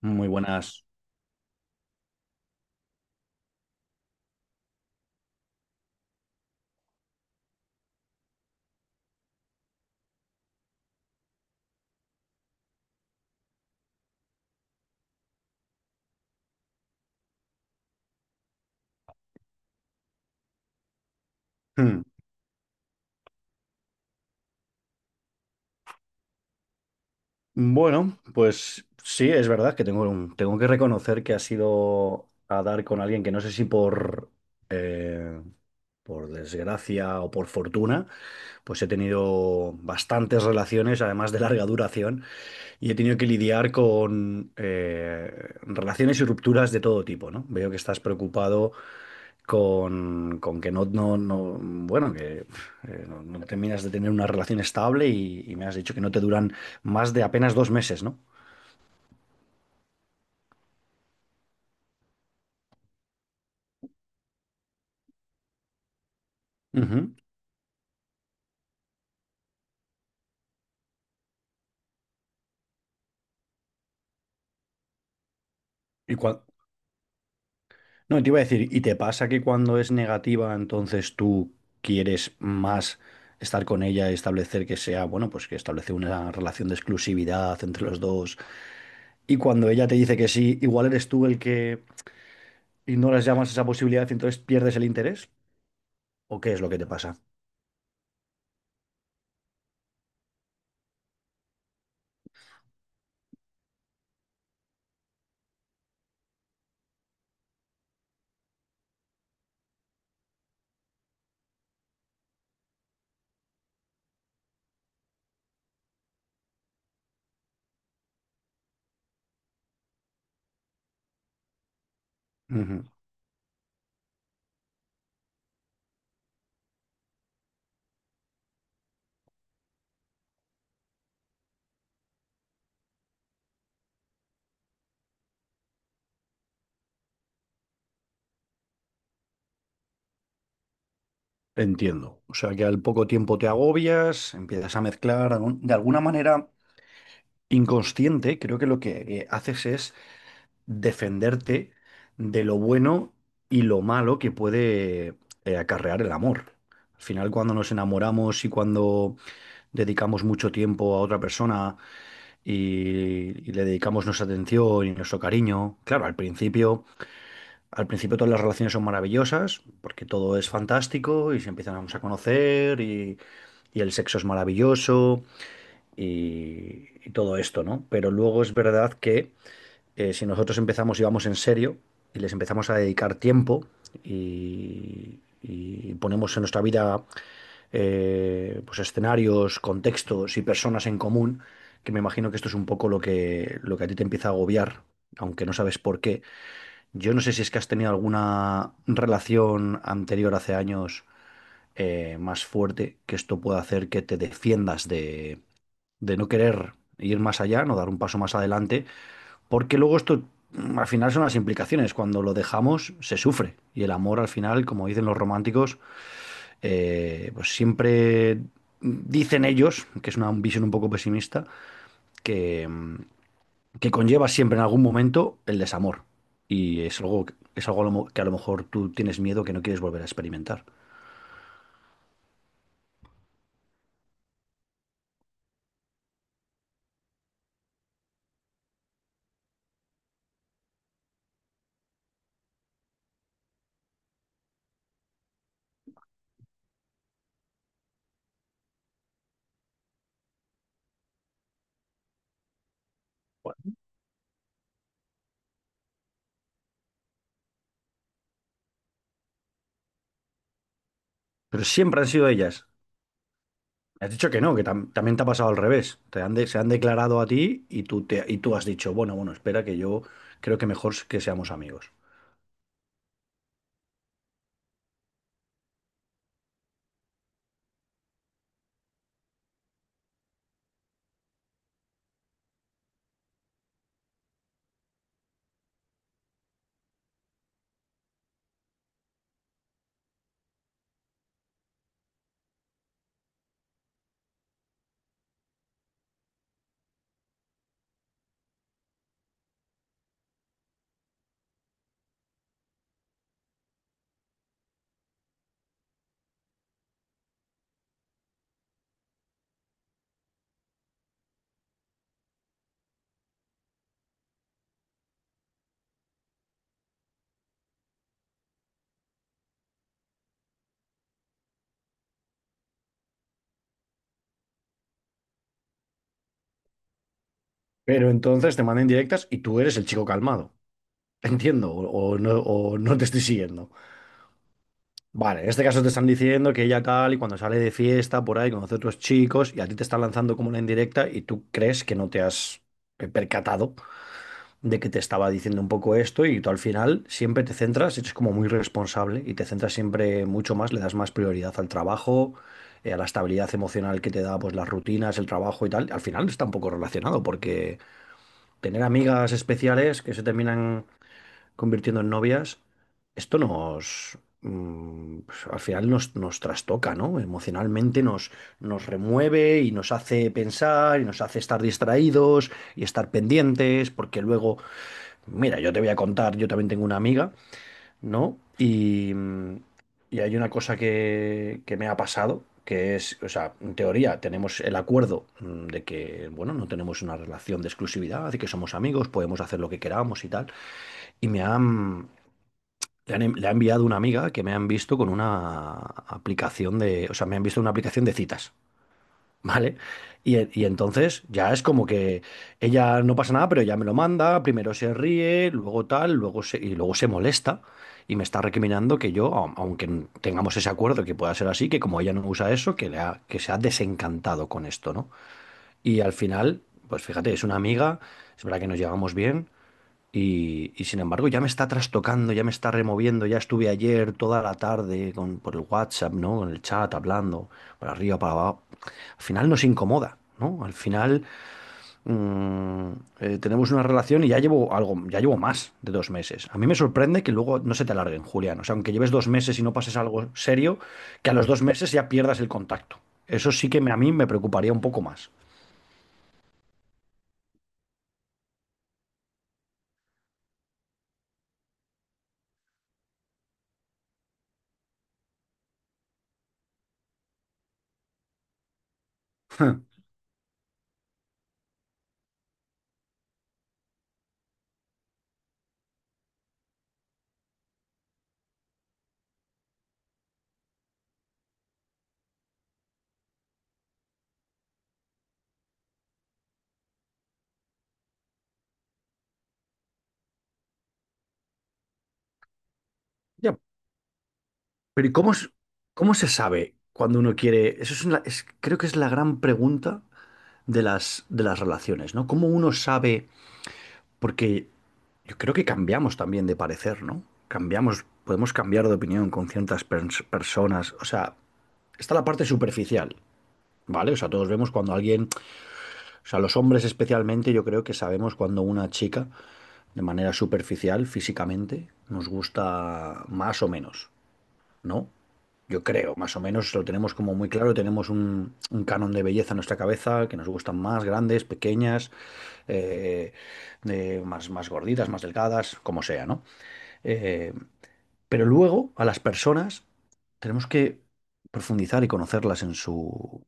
Muy buenas. Hmm. Bueno, pues sí, es verdad que tengo que reconocer que ha sido a dar con alguien que no sé si eh, por desgracia o por fortuna, pues he tenido bastantes relaciones, además de larga duración. Y he tenido que lidiar con relaciones y rupturas de todo tipo, ¿no? Veo que estás preocupado con que bueno, que no terminas de tener una relación estable y me has dicho que no te duran más de apenas dos meses, ¿no? Ujú. Y cua- No, te iba a decir, ¿y te pasa que cuando es negativa, entonces tú quieres más estar con ella, establecer que sea, bueno, pues que establecer una relación de exclusividad entre los dos? Y cuando ella te dice que sí, igual eres tú el que ignoras ya más esa posibilidad y entonces pierdes el interés. ¿O qué es lo que te pasa? Ujú. Entiendo. O sea, que al poco tiempo te agobias, empiezas a mezclar de alguna manera inconsciente. Creo que lo que haces es defenderte de lo bueno y lo malo que puede acarrear el amor. Al final, cuando nos enamoramos y cuando dedicamos mucho tiempo a otra persona y le dedicamos nuestra atención y nuestro cariño, claro, al principio todas las relaciones son maravillosas porque todo es fantástico y se empiezan a conocer, y el sexo es maravilloso y todo esto, ¿no? Pero luego es verdad que si nosotros empezamos y vamos en serio y les empezamos a dedicar tiempo y ponemos en nuestra vida pues escenarios, contextos y personas en común, que me imagino que esto es un poco lo que a ti te empieza a agobiar, aunque no sabes por qué. Yo no sé si es que has tenido alguna relación anterior hace años más fuerte, que esto pueda hacer que te defiendas de no querer ir más allá, no dar un paso más adelante. Porque luego esto, al final son las implicaciones. Cuando lo dejamos, se sufre. Y el amor, al final, como dicen los románticos, pues siempre dicen ellos, que es una visión un poco pesimista, que, mm, que conlleva siempre en algún momento el desamor. Y es algo que a lo mejor tú tienes miedo, que no quieres volver a experimentar. Bueno, pero siempre han sido ellas. Me has dicho que no, que también te ha pasado al revés. Te han se han declarado a ti y tú, te, y tú has dicho, bueno, bueno, espera que yo creo que mejor que seamos amigos. Pero entonces te mandan directas y tú eres el chico calmado. Entiendo, o no te estoy siguiendo. Vale, en este caso te están diciendo que ella tal, y cuando sale de fiesta por ahí conoce a otros chicos y a ti te están lanzando como una indirecta y tú crees que no te has percatado de que te estaba diciendo un poco esto, y tú al final siempre te centras, eres como muy responsable y te centras siempre mucho más, le das más prioridad al trabajo, a la estabilidad emocional que te da pues las rutinas, el trabajo y tal. Al final está un poco relacionado porque tener amigas especiales que se terminan convirtiendo en novias, esto nos, pues, al final nos trastoca, ¿no? Emocionalmente nos remueve y nos hace pensar y nos hace estar distraídos y estar pendientes, porque luego... Mira, yo te voy a contar, yo también tengo una amiga, ¿no? Y, y hay una cosa que me ha pasado, que es, o sea, en teoría tenemos el acuerdo, de que, bueno, no tenemos una relación de exclusividad, de que somos amigos, podemos hacer lo que queramos y tal. Y me han, le han, en- Le ha enviado una amiga que me han visto con una aplicación o sea, me han visto en una aplicación de citas, ¿vale? Y entonces ya es como que ella no pasa nada, pero ya me lo manda, primero se ríe, luego tal, luego se, y luego se molesta y me está recriminando que yo, aunque tengamos ese acuerdo, que pueda ser así, que como ella no usa eso, que se ha desencantado con esto, ¿no? Y al final, pues fíjate, es una amiga, es verdad que nos llevamos bien y sin embargo ya me está trastocando, ya me está removiendo, ya estuve ayer toda la tarde por el WhatsApp, ¿no? Con el chat, hablando, para arriba, para abajo. Al final nos incomoda, ¿no? Al final, mm, tenemos una relación y ya llevo algo, ya llevo más de dos meses. A mí me sorprende que luego no se te alarguen, Julián. O sea, aunque lleves dos meses y no pases algo serio, que a los dos meses ya pierdas el contacto. Eso sí que a mí me preocuparía un poco más. Ya, pero ¿y cómo, cómo se sabe cuando uno quiere? Eso es una- es- creo que es la gran pregunta de las relaciones, ¿no? ¿Cómo uno sabe? Porque yo creo que cambiamos también de parecer, ¿no? Cambiamos, podemos cambiar de opinión con ciertas personas. O sea, está la parte superficial, ¿vale? O sea, todos vemos cuando alguien, o sea, los hombres especialmente, yo creo que sabemos cuando una chica, de manera superficial, físicamente, nos gusta más o menos, ¿no? Yo creo, más o menos lo tenemos como muy claro, tenemos un canon de belleza en nuestra cabeza, que nos gustan más grandes, pequeñas, eh, más gorditas, más delgadas, como sea, ¿no? Eh, pero luego a las personas tenemos que profundizar y conocerlas en su,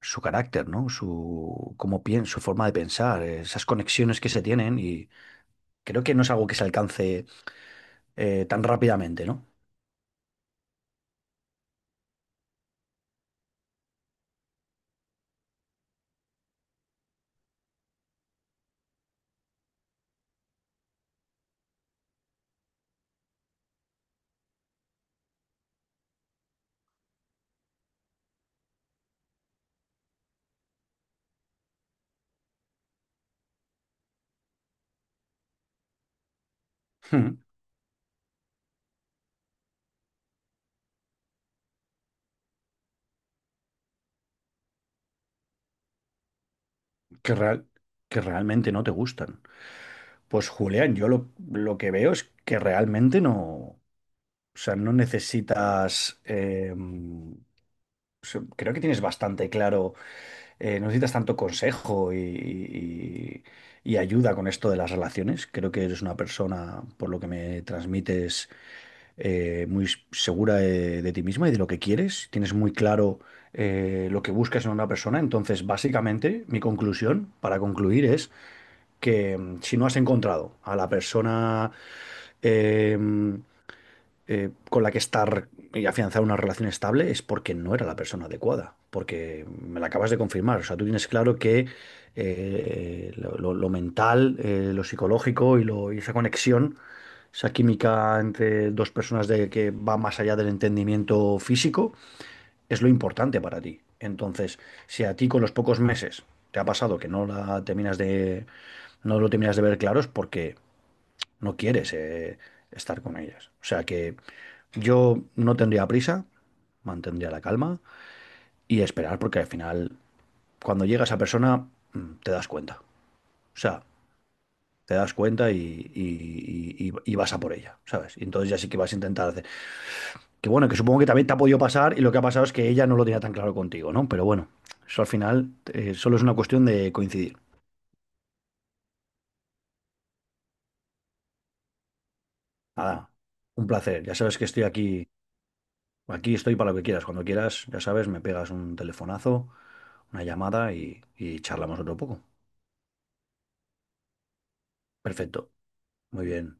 su carácter, ¿no? Su, cómo piensa, su forma de pensar, esas conexiones que se tienen, y creo que no es algo que se alcance tan rápidamente, ¿no? Que real, que realmente no te gustan. Pues Julián, yo lo que veo es que realmente no, o sea, no necesitas, o sea, creo que tienes bastante claro, no necesitas tanto consejo y, y ayuda con esto de las relaciones. Creo que eres una persona, por lo que me transmites, muy segura de ti misma y de lo que quieres. Tienes muy claro lo que buscas en una persona. Entonces, básicamente, mi conclusión, para concluir, es que si no has encontrado a la persona eh, mm, con la que estar y afianzar una relación estable es porque no era la persona adecuada, porque me la acabas de confirmar. O sea, tú tienes claro que lo mental, lo psicológico y, y esa conexión, esa química entre dos personas, de, que va más allá del entendimiento físico, es lo importante para ti. Entonces, si a ti con los pocos meses te ha pasado que no lo terminas de ver claro, es porque no quieres estar con ellas. O sea que yo no tendría prisa, mantendría la calma y esperar, porque al final, cuando llega esa persona, te das cuenta. O sea, te das cuenta y, y vas a por ella, ¿sabes? Y entonces ya sí que vas a intentar hacer. Que bueno, que supongo que también te ha podido pasar, y lo que ha pasado es que ella no lo tenía tan claro contigo, ¿no? Pero bueno, eso al final solo es una cuestión de coincidir. Nada, un placer. Ya sabes que estoy aquí, aquí estoy para lo que quieras. Cuando quieras, ya sabes, me pegas un telefonazo, una llamada y charlamos otro poco. Perfecto, muy bien.